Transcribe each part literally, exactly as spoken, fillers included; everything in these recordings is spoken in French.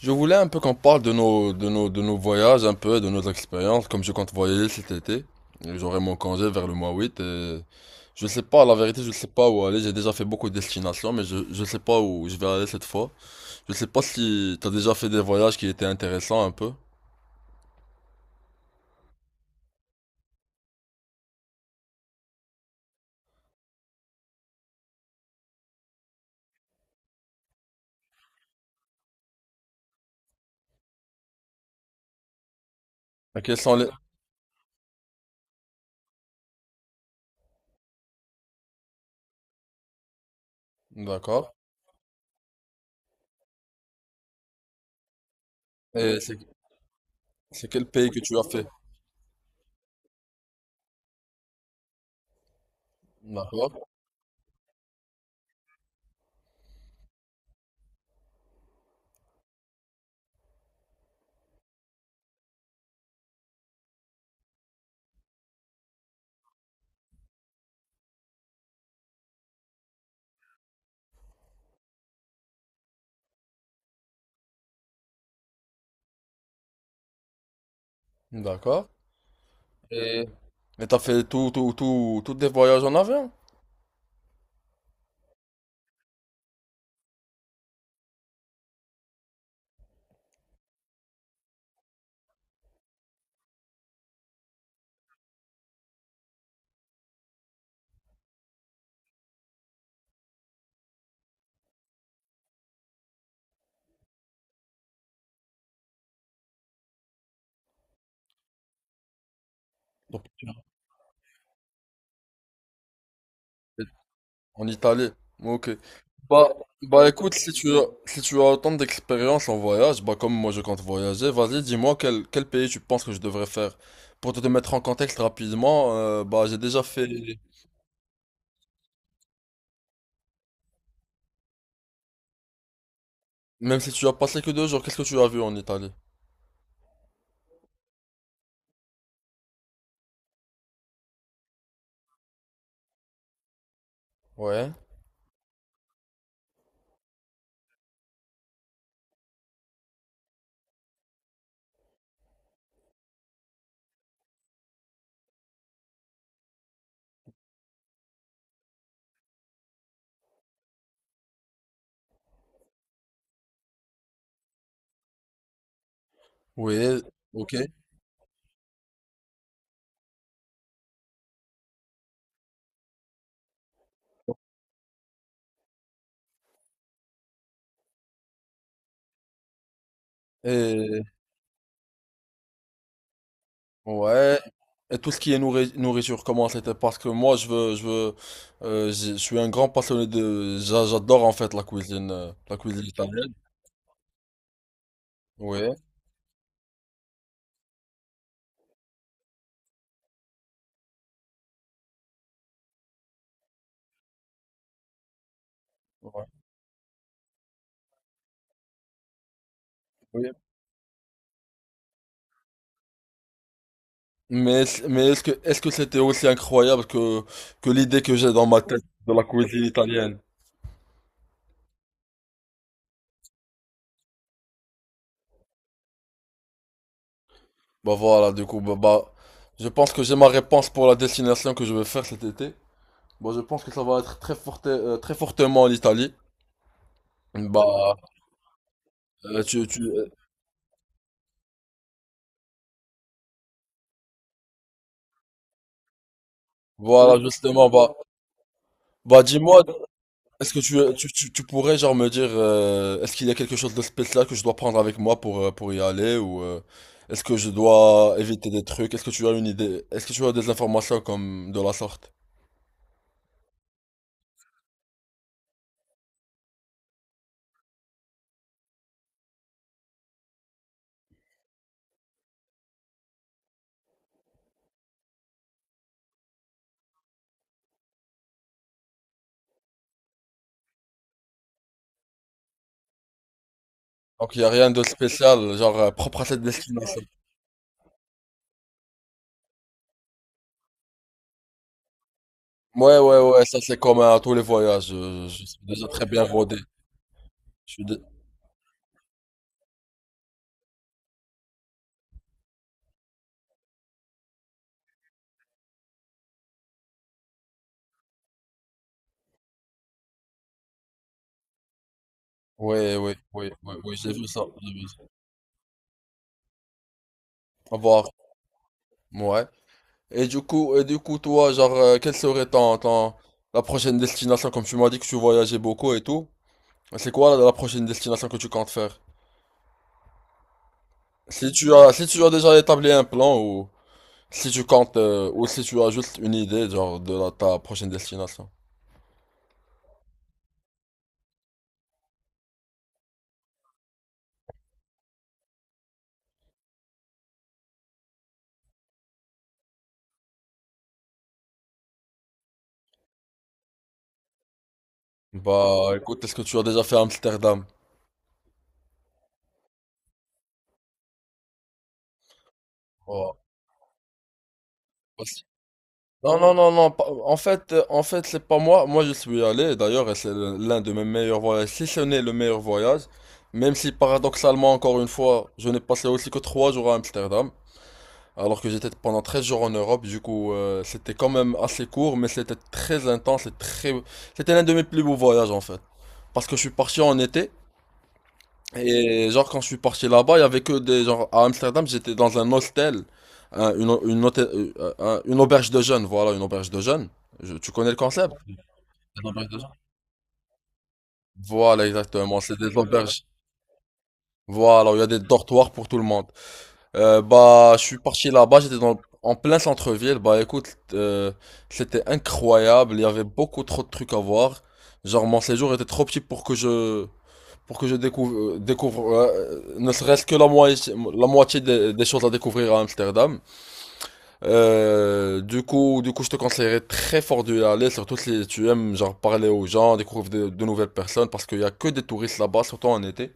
Je voulais un peu qu'on parle de nos, de nos, de nos voyages, un peu, de nos expériences, comme je compte voyager cet été. J'aurai mon congé vers le mois huit et je sais pas, la vérité, je sais pas où aller. J'ai déjà fait beaucoup de destinations, mais je, je sais pas où je vais aller cette fois. Je sais pas si t'as déjà fait des voyages qui étaient intéressants un peu. Et quels sont les... D'accord. Et c'est, c'est quel pays que tu as fait? D'accord. D'accord. Et... Et t'as fait tout, tout, tout, tous des voyages en avion? En Italie. Ok. Bah, bah écoute, si tu as, si tu as autant d'expérience en voyage, bah comme moi je compte voyager, vas-y, dis-moi quel, quel pays tu penses que je devrais faire. Pour te, te mettre en contexte rapidement, euh, bah j'ai déjà fait... Même si tu as passé que deux jours, qu'est-ce que tu as vu en Italie? Ouais. Oui, ok. Et ouais. Et tout ce qui est nourri- nourriture, comment c'était? Parce que moi, je veux, je veux, euh, j'ai- je suis un grand passionné de, j'a- j'adore en fait la cuisine, euh, la cuisine italienne. Oui. Ouais. Oui. Mais, est- mais est-ce que est-ce que c'était aussi incroyable que, que l'idée que j'ai dans ma tête de la cuisine italienne? Bah voilà, du coup, bah, bah, je pense que j'ai ma réponse pour la destination que je vais faire cet été. Bon, je pense que ça va être très forte, euh, très fortement l'Italie. Bah, euh, tu, tu, euh, voilà, justement, bah, bah dis-moi. Est-ce que tu, euh, tu, tu- tu pourrais genre me dire euh, est-ce qu'il y a quelque chose de spécial que je dois prendre avec moi pour, euh, pour y aller ou euh, est-ce que je dois éviter des trucs? Est-ce que tu as une idée? Est-ce que tu as des informations comme de la sorte? Donc il y a rien de spécial genre euh, propre à cette destination. Ouais, ouais, ouais, ça c'est commun à tous les voyages. Je, je suis déjà très bien rodé. Je suis dé- Ouais, ouais, ouais, ouais, ouais, j'ai vu ça, j'ai vu ça. Au revoir. Ouais. Et du coup, et du coup, toi, genre, euh, quelle serait ton, ton- la prochaine destination? Comme tu m'as dit que tu voyageais beaucoup et tout, c'est quoi la, la prochaine destination que tu comptes faire? Si tu as, si tu as déjà établi un plan ou si tu comptes, euh, ou si tu as juste une idée, genre, de la- ta prochaine destination. Bah, écoute, est-ce que tu as déjà fait Amsterdam? Ouais. Non, non, non, non. pas- En fait, euh, en fait, c'est pas moi. Moi, je suis allé, d'ailleurs, et c'est l'un de mes meilleurs voyages, si ce n'est le meilleur voyage. Même si, paradoxalement, encore une fois, je n'ai passé aussi que trois jours à Amsterdam, alors que j'étais pendant treize jours en Europe. Du coup, euh, c'était quand même assez court, mais c'était très intense et très... C'était l'un de mes plus beaux voyages, en fait. Parce que je suis parti en été. Et genre quand je suis parti là-bas, il y avait que des genre à Amsterdam, j'étais dans un hostel, un- une, une, hôtel- euh, un- une auberge de jeunes, voilà, une auberge de jeunes. Je- tu connais le concept? Voilà, exactement, c'est des auberges. Voilà, il y a des dortoirs pour tout le monde. Euh, bah, je suis parti là-bas, j'étais dans en plein centre-ville. Bah, écoute, euh, c'était incroyable. Il y avait beaucoup trop de trucs à voir. Genre, mon séjour était trop petit pour que je pour que je découvre, découvre euh, ne serait-ce que la moitié, la moitié des, des choses à découvrir à Amsterdam. Euh, du coup, du coup, je te conseillerais très fort d'y aller, surtout si tu aimes genre parler aux gens, découvrir de, de nouvelles personnes, parce qu'il y a que des touristes là-bas, surtout en été.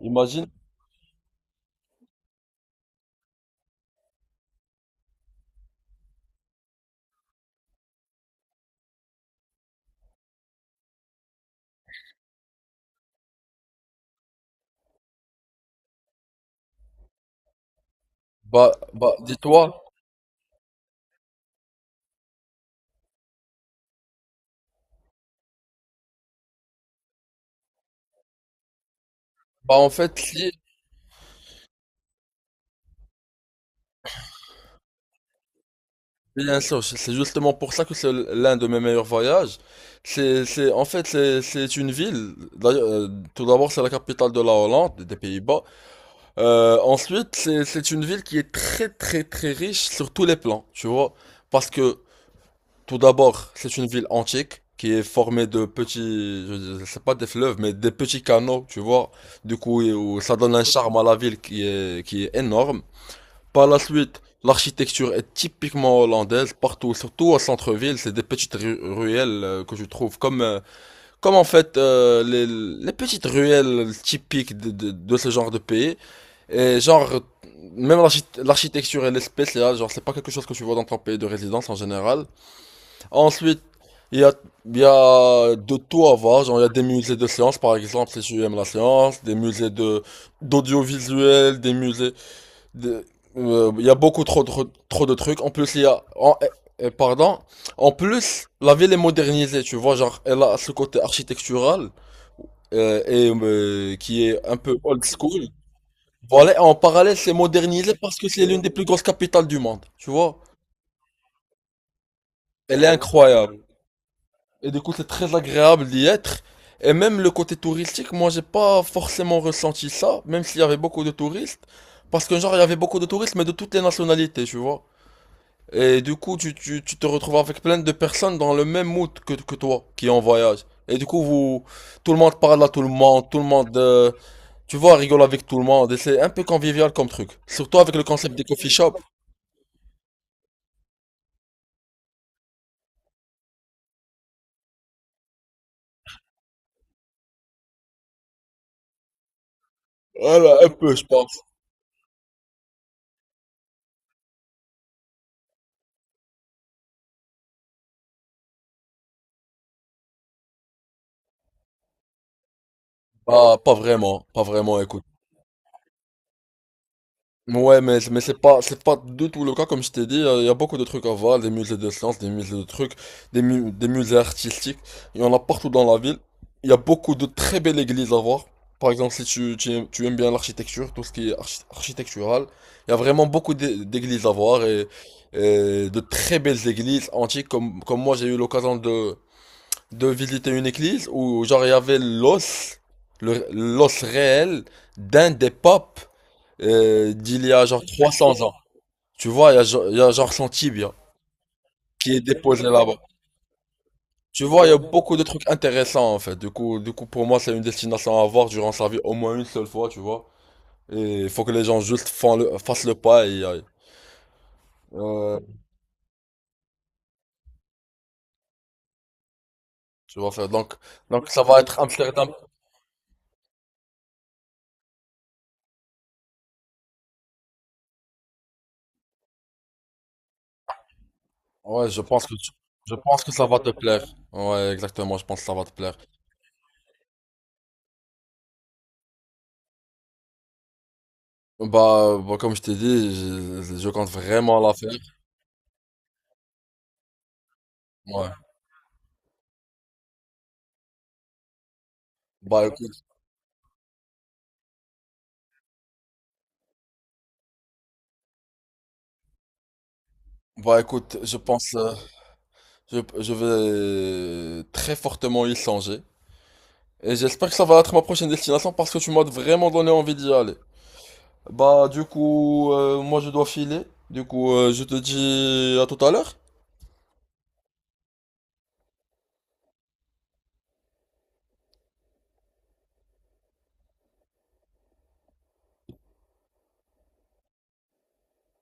Imagine. Bah, bah, dis-toi, bah en fait, si, bien sûr, c'est c'est justement pour ça que c'est l'un de mes meilleurs voyages. C'est, c'est, en fait, c'est, c'est une ville. D'ailleurs, euh, tout d'abord, c'est la capitale de la Hollande, des Pays-Bas. Euh, ensuite, c'est, c'est une ville qui est très très très riche sur tous les plans, tu vois. Parce que tout d'abord, c'est une ville antique qui est formée de petits, je je sais pas des fleuves, mais des petits canaux, tu vois. Du coup, et- où ça donne un charme à la ville qui est, qui est énorme. Par la suite, l'architecture est typiquement hollandaise partout, surtout au centre-ville. C'est des petites ru- ruelles euh, que je trouve comme, euh, comme en fait euh, les, les petites ruelles typiques de de- de ce genre de pays. Et genre, même l'archi- l'architecture et l'espèce, là, genre, c'est pas quelque chose que tu vois dans ton pays de résidence en général. Ensuite, il y a, il y a de tout à voir. Genre, il y a des musées de sciences, par exemple, si tu aimes la science, des musées de, d'audiovisuel, des musées de, euh, il y a beaucoup trop, de trop de trucs. En plus, il y a, en- eh, eh, pardon. En plus, la ville est modernisée, tu vois, genre, elle a ce côté architectural, euh, et, euh, qui est un peu old school. Voilà, en parallèle, c'est modernisé parce que c'est l'une des plus grosses capitales du monde, tu vois. Elle est incroyable. Et du coup, c'est très agréable d'y être. Et même le côté touristique, moi, j'ai pas forcément ressenti ça, même s'il y avait beaucoup de touristes. Parce que, genre, il y avait beaucoup de touristes, mais de toutes les nationalités, tu vois. Et du coup, tu, tu, tu te retrouves avec plein de personnes dans le même mood que, que toi, qui est en voyage. Et du coup, vous, tout le monde parle à tout le monde, tout le monde, euh, tu vois, rigole avec tout le monde. Et c'est un peu convivial comme truc. Surtout avec le concept des coffee shops. Voilà, un peu, je pense. Ah, pas vraiment, pas vraiment, écoute. Ouais, mais, mais c'est pas, c'est pas du tout le cas, comme je t'ai dit. Il y a beaucoup de trucs à voir, des musées de sciences, des musées de trucs, des, mu- des musées artistiques. Il y en a partout dans la ville. Il y a beaucoup de très belles églises à voir. Par exemple, si tu, tu aimes, tu aimes bien l'architecture, tout ce qui est archi- architectural, il y a vraiment beaucoup d'é- d'églises à voir et, et de très belles églises antiques, comme, comme moi j'ai eu l'occasion de, de visiter une église où genre il y avait l'os, le- l'os réel d'un des papes euh, d'il y a genre trois cents ans. Tu vois, il y a, genre- il y a genre son tibia qui est déposé là-bas. Tu vois, il y a beaucoup de trucs intéressants en fait. Du coup, du coup pour moi, c'est une destination à voir durant sa vie au moins une seule fois, tu vois. Et il faut que les gens juste font le, fassent le pas et y aillent. Euh, tu vas faire. Donc, donc ça va être Amsterdam. Ouais, je pense que tu- je pense que ça va te plaire. Ouais, exactement, je pense que ça va te plaire. Bah, bah, comme je t'ai dit, je, je compte vraiment la faire. Ouais. Bah écoute, bah écoute, je pense, euh, je, je vais très fortement y songer. Et j'espère que ça va être ma prochaine destination parce que tu m'as vraiment donné envie d'y aller. Bah du coup, euh, moi je dois filer. Du coup, euh, je te dis à tout à l'heure.